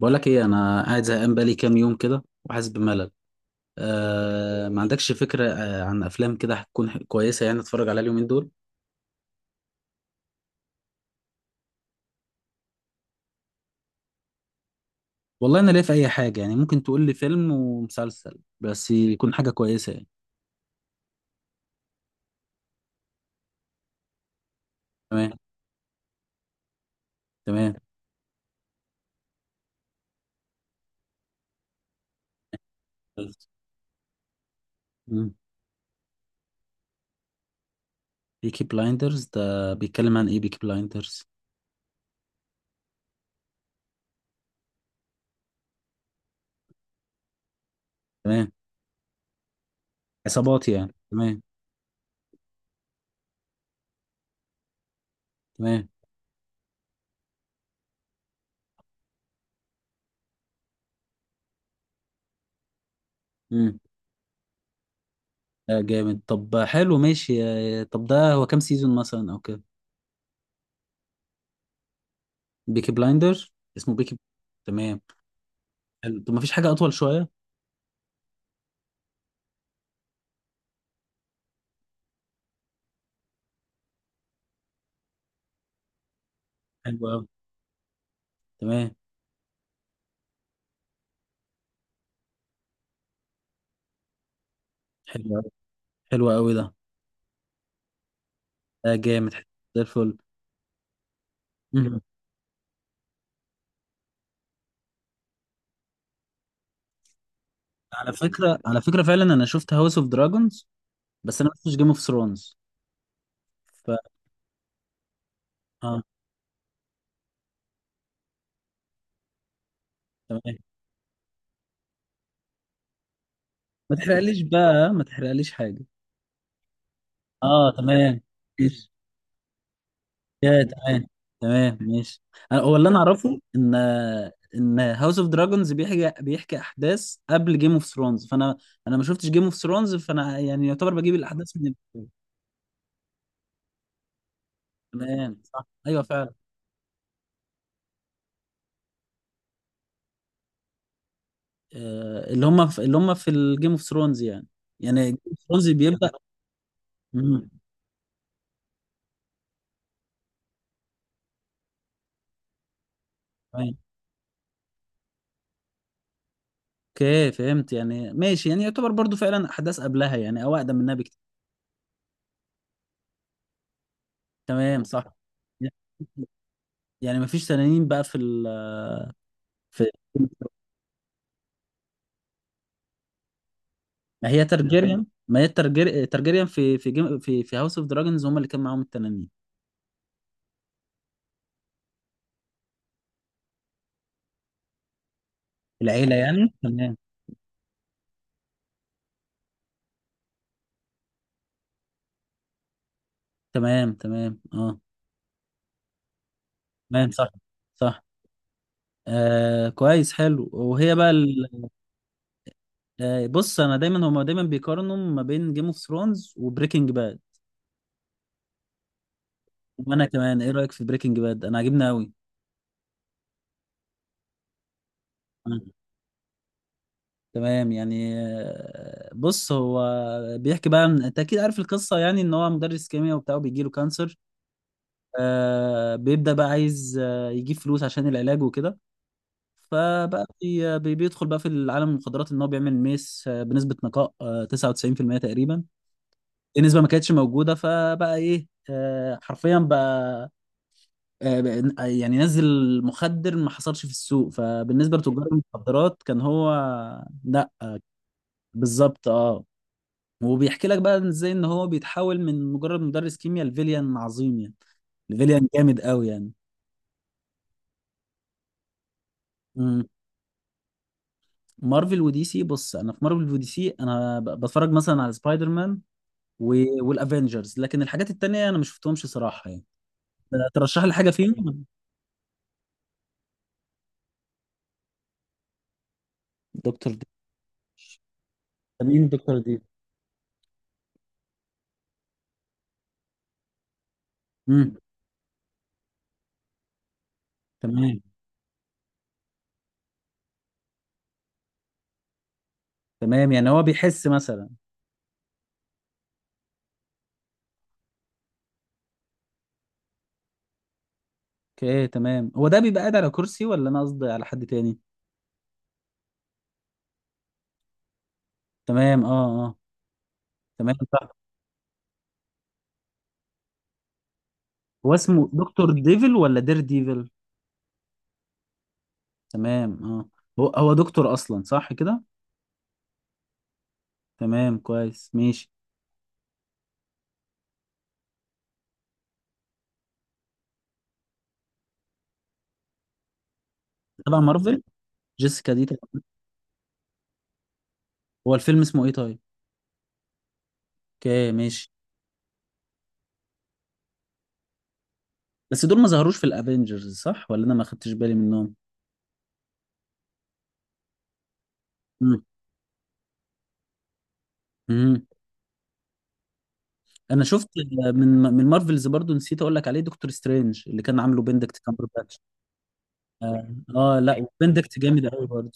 بقول لك ايه، انا قاعد زهقان بقالي كام يوم كده وحاسس بملل. آه، ما عندكش فكره عن افلام كده هتكون كويسه يعني اتفرج عليها اليومين دول؟ والله انا ليا في اي حاجه، يعني ممكن تقول لي فيلم ومسلسل بس يكون حاجه كويسه يعني. تمام. تمام. بيكي بلايندرز ده بيتكلم عن ايه، بيكي بلايندرز؟ تمام. عصابات يعني، تمام. تمام. امم آه، جامد. طب حلو، ماشي. طب ده هو كام سيزون مثلا او كده؟ بيكي بلايندر. اسمه بيكي؟ تمام. حلو. طب ما فيش حاجه اطول شويه؟ حلو أوي. تمام. حلو أوي. حلو أوي ده. ده جامد، حلو. زي الفل. مم. على فكرة، فعلا أنا شفت هاوس أوف دراجونز، بس أنا ما شفتش جيم أوف ثرونز. ف آه، تمام. ما تحرقليش بقى، ما تحرقليش حاجة. آه تمام، ماشي. يا تمام. تمام، ماشي. هو اللي أنا أعرفه إن إن هاوس أوف دراجونز بيحكي أحداث قبل جيم أوف ثرونز، فأنا أنا ما شفتش جيم أوف ثرونز، فأنا يعني يعتبر بجيب الأحداث من... تمام، صح، أيوه فعلا. اللي هم في اللي هم في الجيم اوف ثرونز يعني. يعني جيم اوف ثرونز بيبدا. مم. تمام. اوكي، فهمت يعني، ماشي. يعني يعتبر برضو فعلا احداث قبلها يعني، او اقدم منها بكتير. تمام صح. يعني ما فيش تنانين بقى في ال... في ما هي ترجيريان، ما هي الترجير... ترجيريان في في جيم... في في هاوس اوف دراجونز هم اللي كان معاهم التنانين. العيله يعني، تمام. تمام. تمام اه. تمام، صح. صح. آه كويس، حلو. وهي بقى ال... بص انا دايما، هما دايما بيقارنوا ما بين جيم اوف ثرونز وبريكنج باد. وانا كمان، ايه رايك في بريكنج باد؟ انا عاجبني قوي. تمام يعني. بص، هو بيحكي بقى انت اكيد عارف القصه يعني، ان هو مدرس كيمياء وبتاع وبيجيله كانسر. آه، بيبدا بقى عايز يجيب فلوس عشان العلاج وكده. فبقى بيدخل بقى في العالم المخدرات، ان هو بيعمل ميس بنسبه نقاء 99% تقريبا. دي نسبه ما كانتش موجوده، فبقى ايه حرفيا بقى، آه، يعني نزل مخدر ما حصلش في السوق. فبالنسبه لتجار المخدرات كان هو... لا بالظبط، اه. وبيحكي لك بقى ازاي ان هو بيتحول من مجرد مدرس كيمياء لفيليان عظيم يعني، لفيليان جامد قوي يعني. مم. مارفل ودي سي. بص انا في مارفل ودي سي انا بتفرج مثلا على سبايدر مان والافينجرز، لكن الحاجات التانية انا ما شفتهمش صراحة يعني. ترشح لي حاجة فيهم؟ دكتور دي؟ مين دكتور دي؟ امم. تمام. تمام يعني، هو بيحس مثلا. اوكي تمام. هو ده بيبقى قاعد على كرسي، ولا انا قصدي على حد تاني؟ تمام، اه اه. تمام، صح. هو اسمه دكتور ديفل ولا دير ديفل؟ تمام اه. هو هو دكتور اصلا صح كده؟ تمام، كويس، ماشي. تبع مارفل؟ جيسيكا دي تبع؟ هو الفيلم اسمه ايه طيب؟ اوكي، ماشي. بس دول ما ظهروش في الافينجرز صح، ولا انا ما خدتش بالي منهم؟ امم. امم. انا شفت من مارفلز برضو، نسيت اقول لك عليه، دكتور سترينج اللي كان عامله بندكت كامبرباتش. اه. لا، بندكت جامد قوي برضه.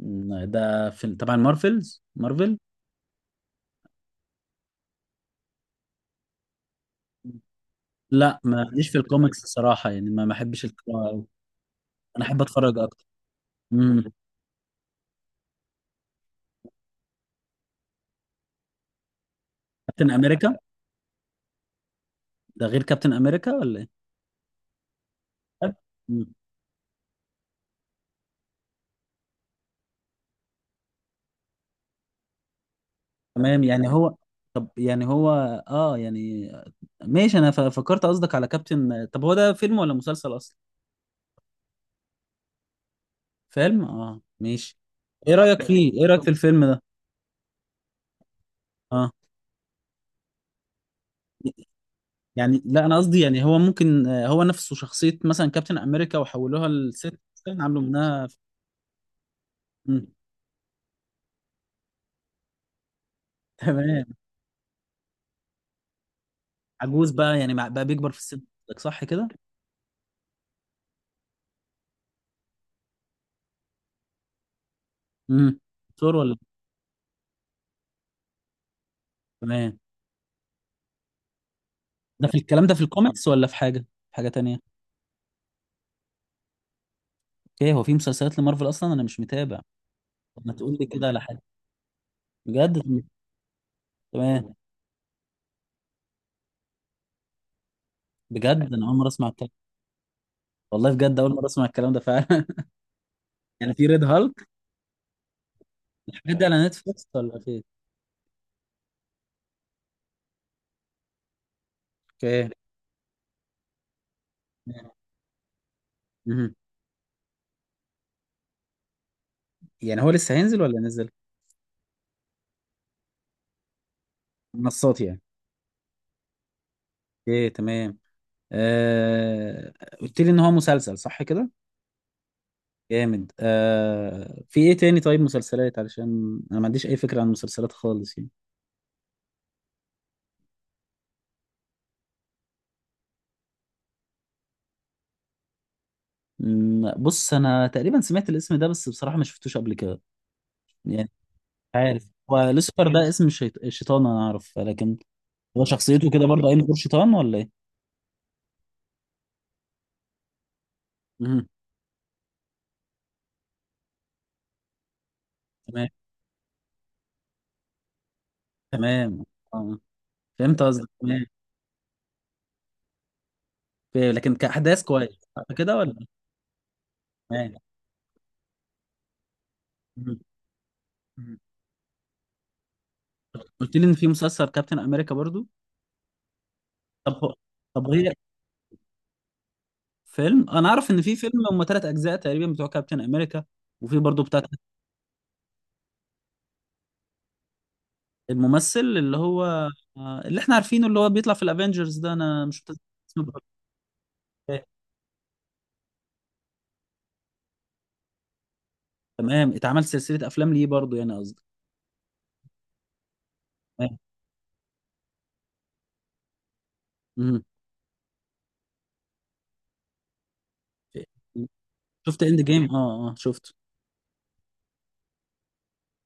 ده في طبعا مارفلز، مارفل. لا، ماليش في الكوميكس الصراحه يعني، ما احبش القراءه أوي. انا احب اتفرج اكتر. امم. كابتن امريكا. ده غير كابتن امريكا ولا ايه؟ طب. مم. تمام يعني هو. طب يعني هو. اه يعني. ماشي، انا فكرت قصدك على كابتن. طب هو ده فيلم ولا مسلسل اصلا؟ فيلم، اه، ماشي. ايه رايك فيه، ايه رايك في الفيلم ده؟ اه يعني، لا انا قصدي يعني هو ممكن هو نفسه شخصيه مثلا كابتن امريكا وحولوها لست، عملوا منها. مم. تمام. عجوز بقى يعني، بقى بيكبر في السن، قصدك، صح كده؟ امم. دكتور ولا... تمام. ده في الكلام ده في الكوميكس، ولا في حاجه، في حاجه تانية؟ اوكي، هو في مسلسلات لمارفل اصلا؟ انا مش متابع. طب ما تقول لي كده على حاجه، بجد. تمام. بجد انا اول مره اسمع الكلام. والله بجد اول مره اسمع الكلام ده فعلا. يعني في ريد هالك؟ الحاجات دي على نتفلكس ولا فين؟ اوكي. مهم. يعني هو لسه هينزل ولا نزل؟ منصات يعني. اوكي، تمام. آه... قلت لي ان هو مسلسل صح كده؟ جامد. آه، في ايه تاني طيب مسلسلات؟ علشان انا ما عنديش اي فكرة عن المسلسلات خالص يعني. مم، بص انا تقريبا سمعت الاسم ده بس بصراحة ما شفتوش قبل كده. يعني مش عارف، هو لوسيفر ده اسم الشيط... الشيطان انا اعرف، لكن هو شخصيته كده برضه عين دور شيطان ولا ايه؟ مم. تمام. تمام. آه. فهمت قصدك، تمام. في- لكن كأحداث كويس، صح كده ولا؟ تمام. مم. مم. قلت لي ان في مسلسل كابتن امريكا برضه؟ طب هو- طب هي... فيلم، انا اعرف ان في فيلم هم ثلاث اجزاء تقريبا بتوع كابتن امريكا. وفي برضه بتاع الممثل اللي هو اللي احنا عارفينه اللي هو بيطلع في الافينجرز، ده انا مش متذكر اسمه بالظبط. تمام، اتعمل سلسله افلام ليه برضه يعني قصدي؟ تمام. مهم. شفت اند جيم، اه اه شفته.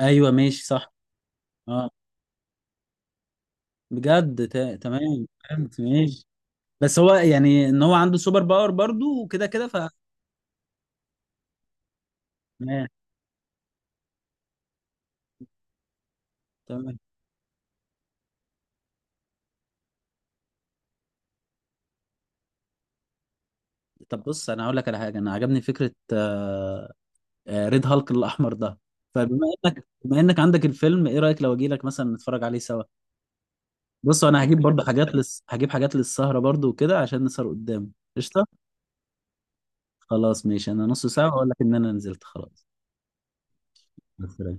ايوه، ماشي، صح. اه، بجد، تمام، فهمت، ماشي. بس هو يعني ان هو عنده سوبر باور برضه وكده كده، ف... تمام. تمام. طب بص، انا هقول لك على حاجه، انا عجبني فكره ريد هالك الاحمر ده. فبما انك عندك الفيلم، ايه رايك لو اجي لك مثلا نتفرج عليه سوا؟ بص انا هجيب برضه حاجات لس... هجيب حاجات للسهره برضه وكده عشان نسهر قدام. قشطه. خلاص، ماشي، انا نص ساعة واقول لك ان انا نزلت خلاص. مع السلامة.